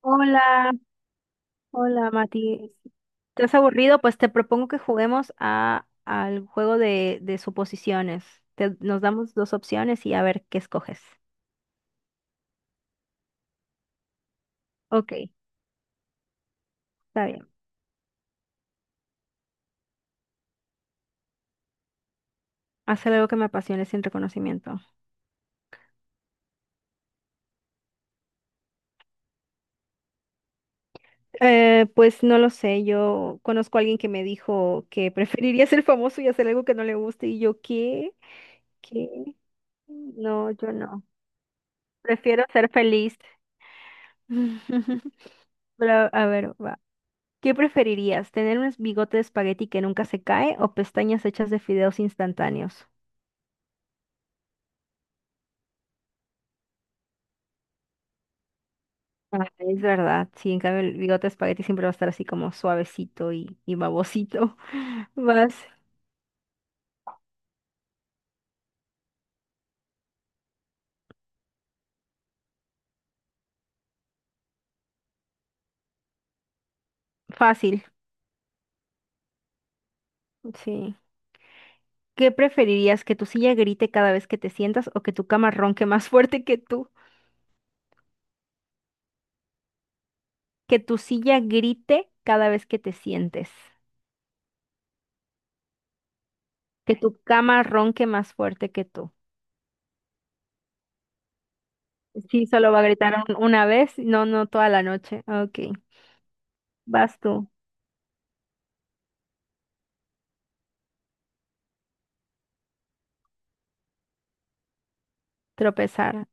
Hola, hola Mati. ¿Estás aburrido? Pues te propongo que juguemos a, al juego de suposiciones. Nos damos dos opciones y a ver qué escoges. Ok, está bien. Hacer algo que me apasione sin reconocimiento. Pues no lo sé, yo conozco a alguien que me dijo que preferiría ser famoso y hacer algo que no le guste y yo, ¿qué? ¿Qué? No, yo no. Prefiero ser feliz. Pero, a ver, va. ¿Qué preferirías? ¿Tener un bigote de espagueti que nunca se cae o pestañas hechas de fideos instantáneos? Ah, es verdad, sí, en cambio el bigote de espagueti siempre va a estar así como suavecito y babosito. Más fácil, sí. ¿Qué preferirías? ¿Que tu silla grite cada vez que te sientas o que tu cama ronque más fuerte que tú? Que tu silla grite cada vez que te sientes. Que tu cama ronque más fuerte que tú. Sí, solo va a gritar una vez, no, no toda la noche. Ok, vas tú, tropezar.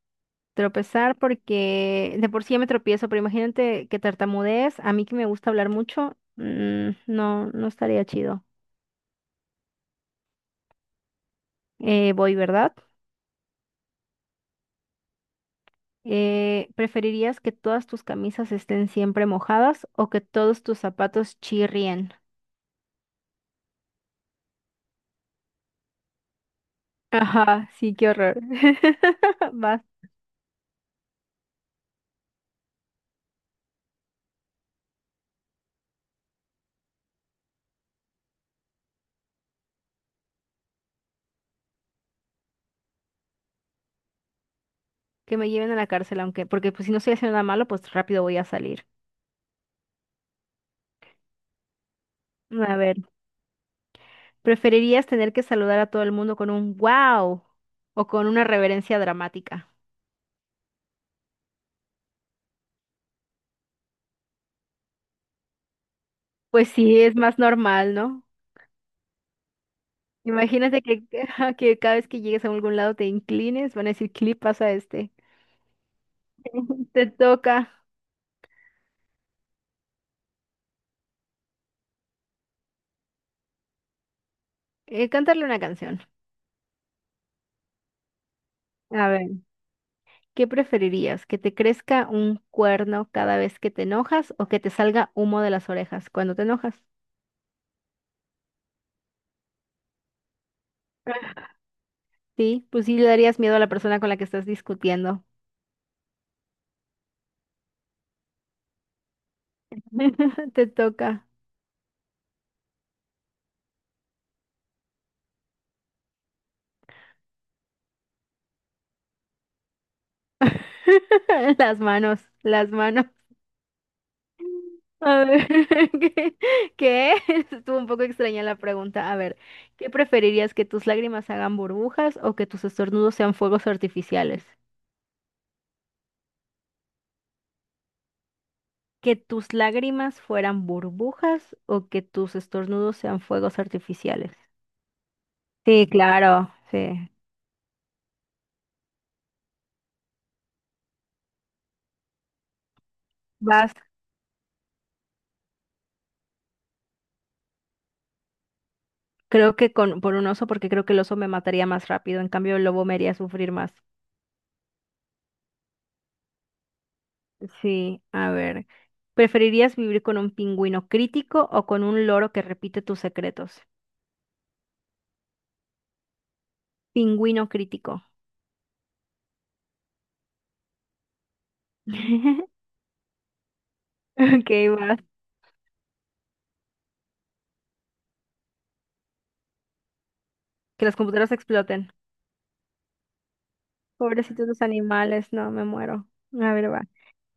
Tropezar porque de por sí ya me tropiezo, pero imagínate que tartamudees a mí que me gusta hablar mucho, no, no estaría chido. Voy, ¿verdad? ¿Preferirías que todas tus camisas estén siempre mojadas o que todos tus zapatos chirrien? Ajá, sí, qué horror. Vas, que me lleven a la cárcel, aunque, porque pues si no estoy haciendo nada malo, pues rápido voy a salir. A ver, ¿preferirías tener que saludar a todo el mundo con un wow o con una reverencia dramática? Pues sí, es más normal, ¿no? Imagínate que, que cada vez que llegues a algún lado te inclines, van a decir, clip pasa este. Te toca cantarle una canción. A ver, ¿qué preferirías? ¿Que te crezca un cuerno cada vez que te enojas o que te salga humo de las orejas cuando te enojas? Sí, pues sí le darías miedo a la persona con la que estás discutiendo. Te toca. Las manos, las manos. A ver, ¿qué? ¿Qué? Estuvo un poco extraña la pregunta. A ver, ¿qué preferirías que tus lágrimas hagan burbujas o que tus estornudos sean fuegos artificiales? ¿Que tus lágrimas fueran burbujas o que tus estornudos sean fuegos artificiales? Sí, claro, sí. Vas, creo que con, por un oso, porque creo que el oso me mataría más rápido. En cambio, el lobo me haría sufrir más. Sí, a ver. ¿Preferirías vivir con un pingüino crítico o con un loro que repite tus secretos? Pingüino crítico. Ok, va. Que las computadoras exploten. Pobrecitos los animales, no, me muero. A ver, va.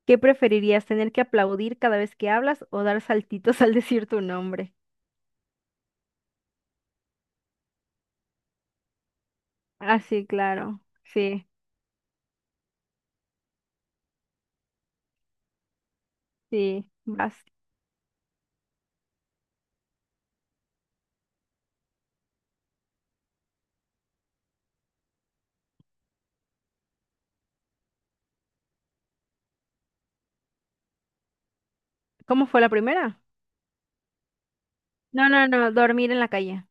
¿Qué preferirías, tener que aplaudir cada vez que hablas o dar saltitos al decir tu nombre? Ah, sí, claro. Sí, sí, vas. ¿Cómo fue la primera? No, no, no, dormir en la calle.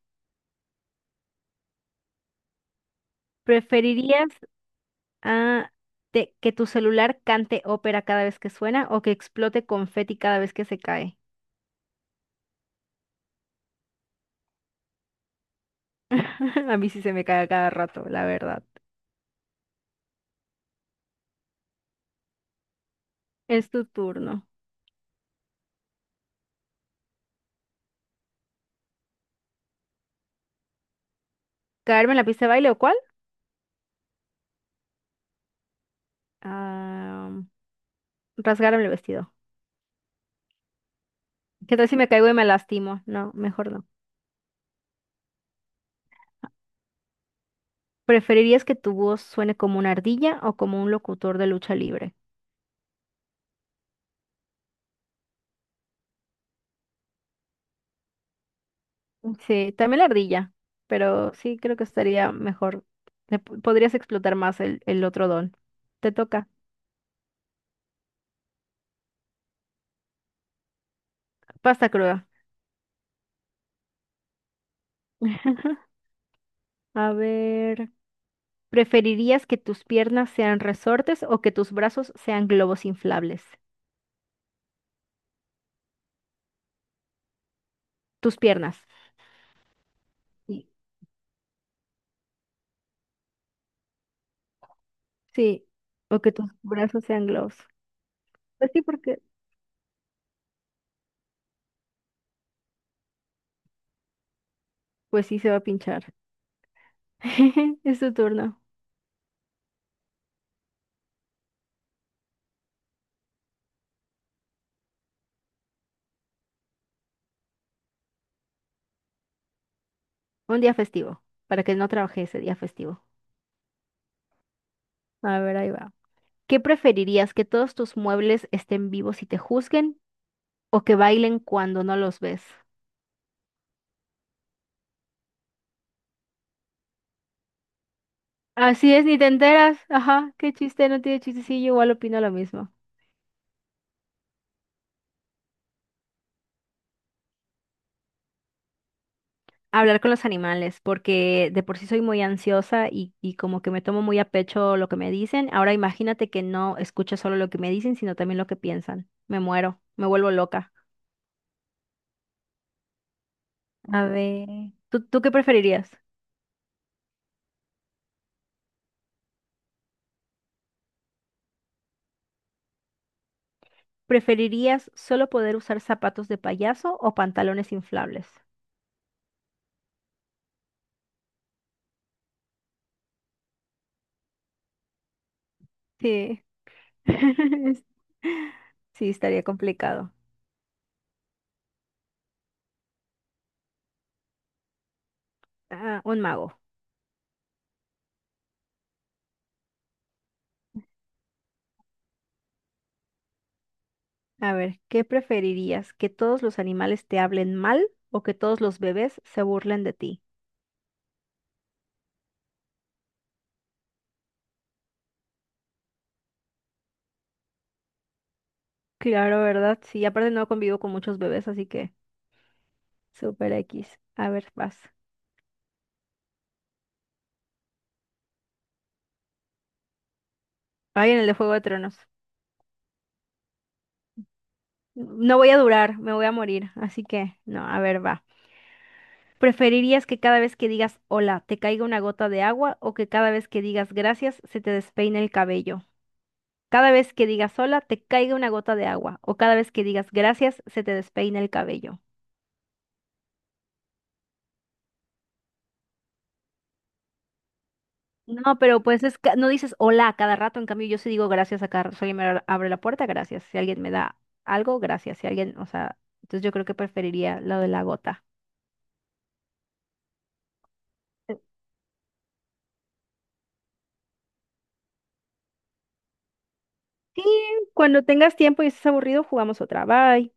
¿Preferirías ah, que tu celular cante ópera cada vez que suena o que explote confeti cada vez que se cae? A mí sí se me cae a cada rato, la verdad. Es tu turno. ¿Caerme en la pista de baile o cuál? Ah, rasgarme el vestido. ¿Qué tal si me caigo y me lastimo? No, mejor no. ¿Preferirías que tu voz suene como una ardilla o como un locutor de lucha libre? Sí, también la ardilla, pero sí creo que estaría mejor. Podrías explotar más el otro don. Te toca. Pasta cruda. A ver, ¿preferirías que tus piernas sean resortes o que tus brazos sean globos inflables? Tus piernas. Sí. Sí, o que tus brazos sean globos. Pues sí, porque pues sí se va a pinchar. Es tu turno. Un día festivo, para que no trabaje ese día festivo. A ver, ahí va. ¿Qué preferirías, que todos tus muebles estén vivos y te juzguen o que bailen cuando no los ves? Así es, ni te enteras. Ajá, qué chiste, no tiene chiste. Sí, yo igual opino lo mismo. Hablar con los animales, porque de por sí soy muy ansiosa y como que me tomo muy a pecho lo que me dicen. Ahora imagínate que no escucho solo lo que me dicen, sino también lo que piensan. Me muero, me vuelvo loca. A ver, ¿tú qué preferirías? ¿Preferirías solo poder usar zapatos de payaso o pantalones inflables? Sí. Sí, estaría complicado. Ah, un mago. A ver, ¿qué preferirías? ¿Que todos los animales te hablen mal o que todos los bebés se burlen de ti? Claro, ¿verdad? Sí, aparte no convivo con muchos bebés, así que super X. A ver, vas. Ay, en el de Juego de Tronos. No voy a durar, me voy a morir, así que no, a ver, va. ¿Preferirías que cada vez que digas hola te caiga una gota de agua o que cada vez que digas gracias se te despeine el cabello? Cada vez que digas hola te caiga una gota de agua o cada vez que digas gracias se te despeine el cabello. No, pero pues es no dices hola a cada rato, en cambio yo sí digo gracias a cada rato. Si alguien me abre la puerta, gracias. Si alguien me da algo, gracias. Si alguien, o sea, entonces yo creo que preferiría lo de la gota. Sí, cuando tengas tiempo y estés aburrido, jugamos otra. Bye.